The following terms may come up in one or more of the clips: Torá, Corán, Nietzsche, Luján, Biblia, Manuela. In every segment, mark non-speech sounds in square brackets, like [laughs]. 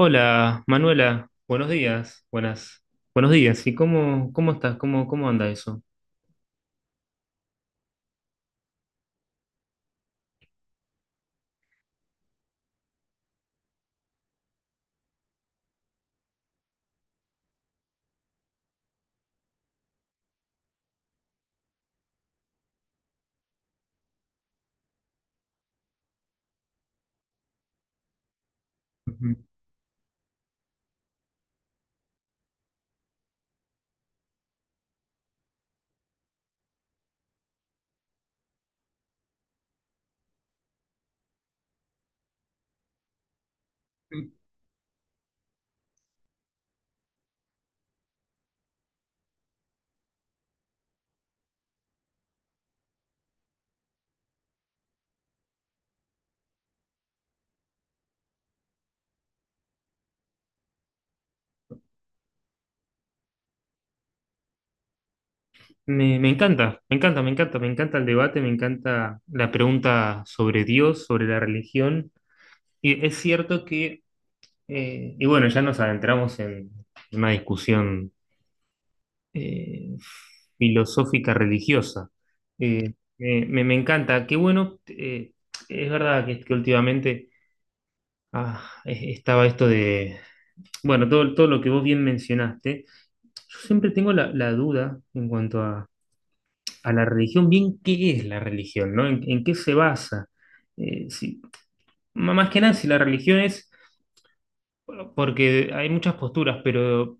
Hola, Manuela, buenos días, buenos días. ¿Y cómo estás? Cómo anda eso? Ujú. Me encanta, me encanta, me encanta, me encanta el debate, me encanta la pregunta sobre Dios, sobre la religión. Y es cierto que, y bueno, ya nos adentramos en una discusión eh, filosófica religiosa. Me encanta, qué bueno, es verdad que últimamente estaba esto de bueno, todo, todo lo que vos bien mencionaste, yo siempre tengo la duda en cuanto a la religión, bien qué es la religión, ¿no? En qué se basa? Eh, si- Más que nada, si la religión es, bueno, porque hay muchas posturas, pero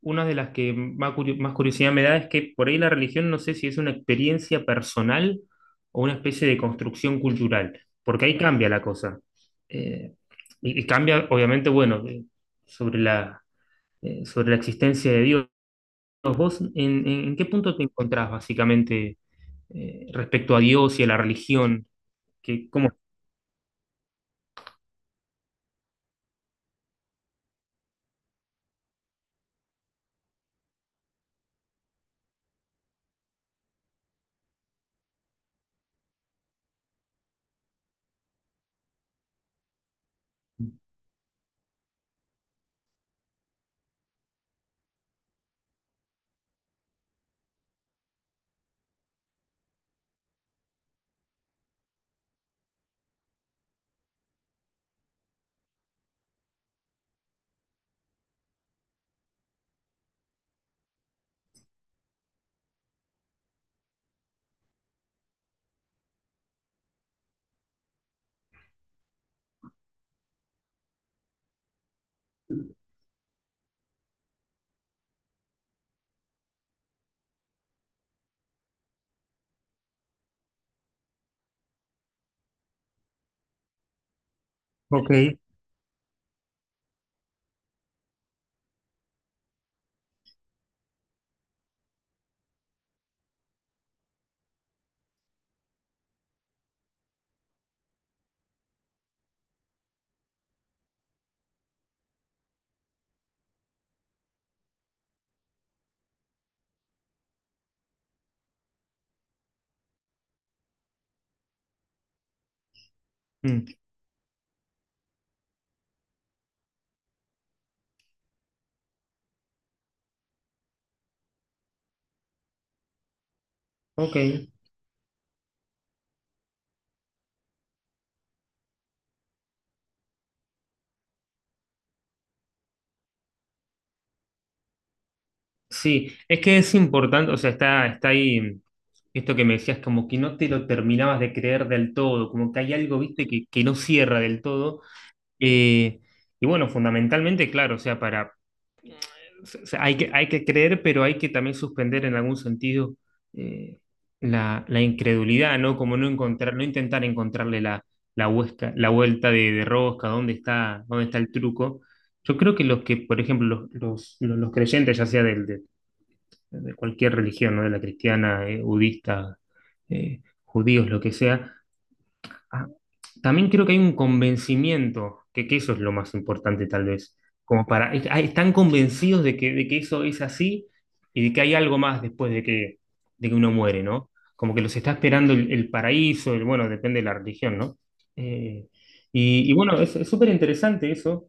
una de las que más curiosidad me da es que por ahí la religión no sé si es una experiencia personal o una especie de construcción cultural, porque ahí cambia la cosa. Eh, y cambia, obviamente, bueno, sobre sobre la existencia de Dios. Bueno, vos en qué punto te encontrás básicamente, respecto a Dios y a la religión. ¿Qué, cómo? Ok, mm, ok. Sí, es que es importante, o sea, está ahí, esto que me decías, como que no te lo terminabas de creer del todo, como que hay algo, viste, que no cierra del todo. Eh, y bueno, fundamentalmente, claro, o sea, hay hay que creer, pero hay que también suspender en algún sentido eh, la incredulidad, ¿no? Como no encontrar, no intentar encontrarle la vuelta de rosca, dónde está el truco. Yo creo que los que, por ejemplo, los creyentes, ya sea de cualquier religión, ¿no? De la cristiana, budista, judíos, lo que sea. Ah, También creo que hay un convencimiento, que eso es lo más importante tal vez, como para están convencidos de que eso es así y de que hay algo más de que uno muere, ¿no? Como que los está esperando el paraíso, el, bueno, depende de la religión, ¿no? Eh, y bueno, es súper interesante eso.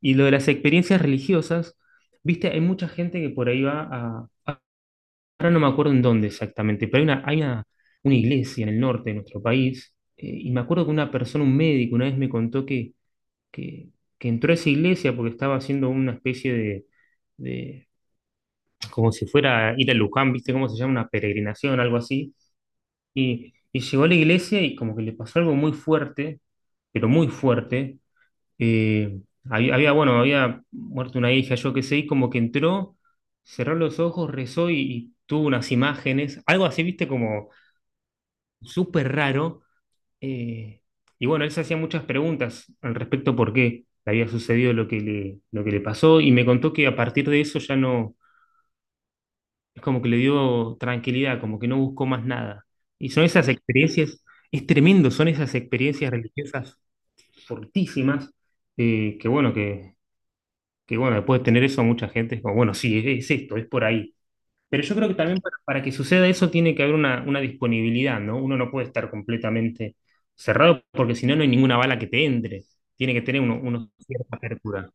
Y lo de las experiencias religiosas, viste, hay mucha gente que por ahí ahora no me acuerdo en dónde exactamente, pero una iglesia en el norte de nuestro país, y me acuerdo que una persona, un médico, una vez me contó que, que entró a esa iglesia porque estaba haciendo una especie de como si fuera a ir a Luján, ¿viste cómo se llama? Una peregrinación, algo así, y llegó a la iglesia y como que le pasó algo muy fuerte, pero muy fuerte, eh, había, bueno, había muerto una hija, yo qué sé, y como que entró, cerró los ojos, rezó y tuvo unas imágenes, algo así, viste, como, súper raro. eh, y bueno, él se hacía muchas preguntas al respecto por qué le había sucedido lo que lo que le pasó y me contó que a partir de eso ya no, es como que le dio tranquilidad, como que no buscó más nada. Y son esas experiencias, es tremendo, son esas experiencias religiosas fortísimas, eh, que bueno, que, que bueno, después de tener eso mucha gente es como, bueno, sí, es esto, es por ahí. Pero yo creo que también para que suceda eso tiene que haber una disponibilidad, ¿no? Uno no puede estar completamente cerrado porque si no, no hay ninguna bala que te entre. Tiene que tener uno cierta apertura.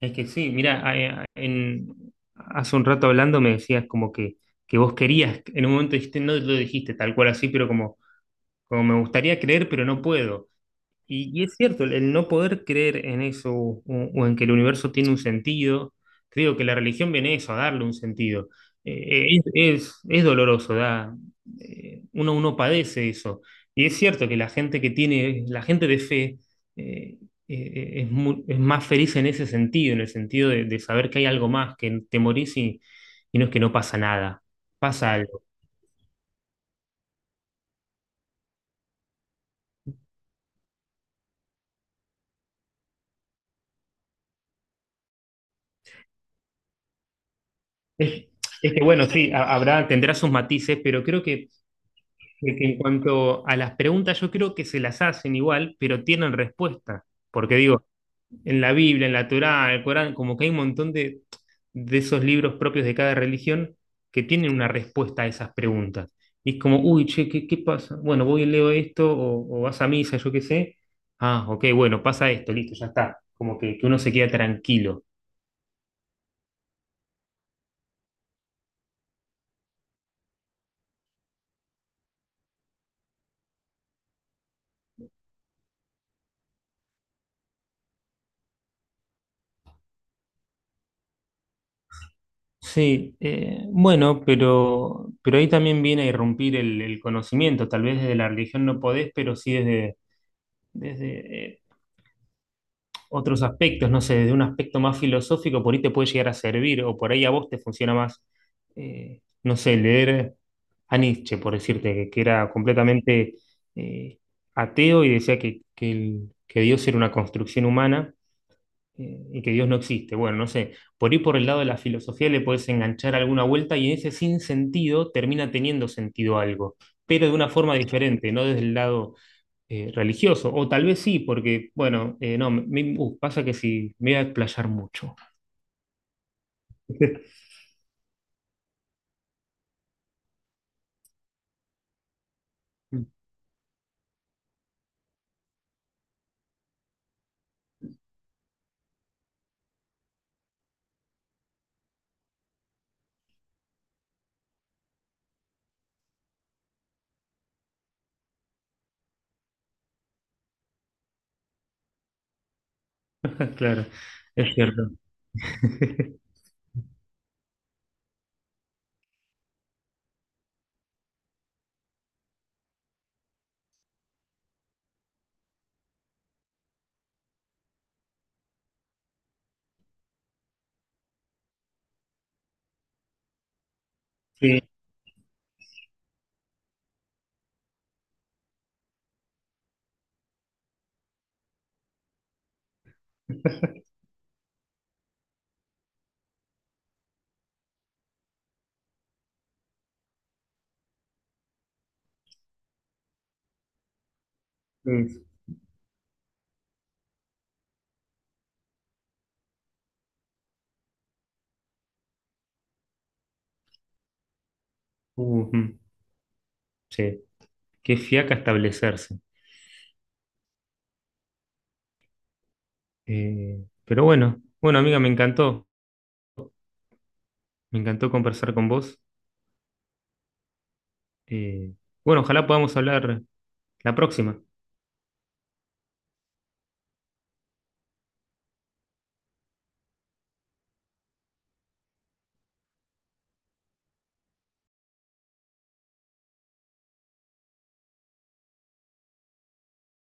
Es que sí, mira, hace un rato hablando me decías como que vos querías, en un momento dijiste, no lo dijiste tal cual así, pero como, como me gustaría creer, pero no puedo. Y es cierto, el no poder creer en eso o en que el universo tiene un sentido, creo que la religión viene eso, a darle un sentido. Es doloroso, uno padece eso. Y es cierto que la gente que tiene, la gente de fe, eh, es más feliz en ese sentido, en el sentido de saber que hay algo más, que te morís y no es que no pasa nada, pasa algo. Es, es que bueno, sí, habrá, tendrá sus matices, pero creo que en cuanto a las preguntas, yo creo que se las hacen igual, pero tienen respuesta. Porque digo, en la Biblia, en la Torá, el Corán, como que hay un montón de esos libros propios de cada religión que tienen una respuesta a esas preguntas. Y es como, uy, che, qué pasa? Bueno, voy y leo esto, o vas a misa, yo qué sé. Ah, ok, bueno, pasa esto, listo, ya está. Como que uno se queda tranquilo. Sí, bueno, pero ahí también viene a irrumpir el conocimiento. Tal vez desde la religión no podés, pero sí desde otros aspectos, no sé, desde un aspecto más filosófico, por ahí te puede llegar a servir, o por ahí a vos te funciona más, no sé, leer a Nietzsche, por decirte, que era completamente eh, ateo y decía que Dios era una construcción humana, y que Dios no existe. Bueno, no sé, por ahí por el lado de la filosofía le puedes enganchar alguna vuelta y en ese sin sentido termina teniendo sentido algo, pero de una forma diferente, no desde el lado religioso, o tal vez sí, porque, bueno, no, me- pasa que sí, me voy a explayar mucho. [laughs] Claro, es cierto. [laughs] Sí, sí, ujú, sí, qué fiaca establecerse. Pero bueno, bueno, amiga, me encantó conversar con vos. Eh, bueno, ojalá podamos hablar la próxima.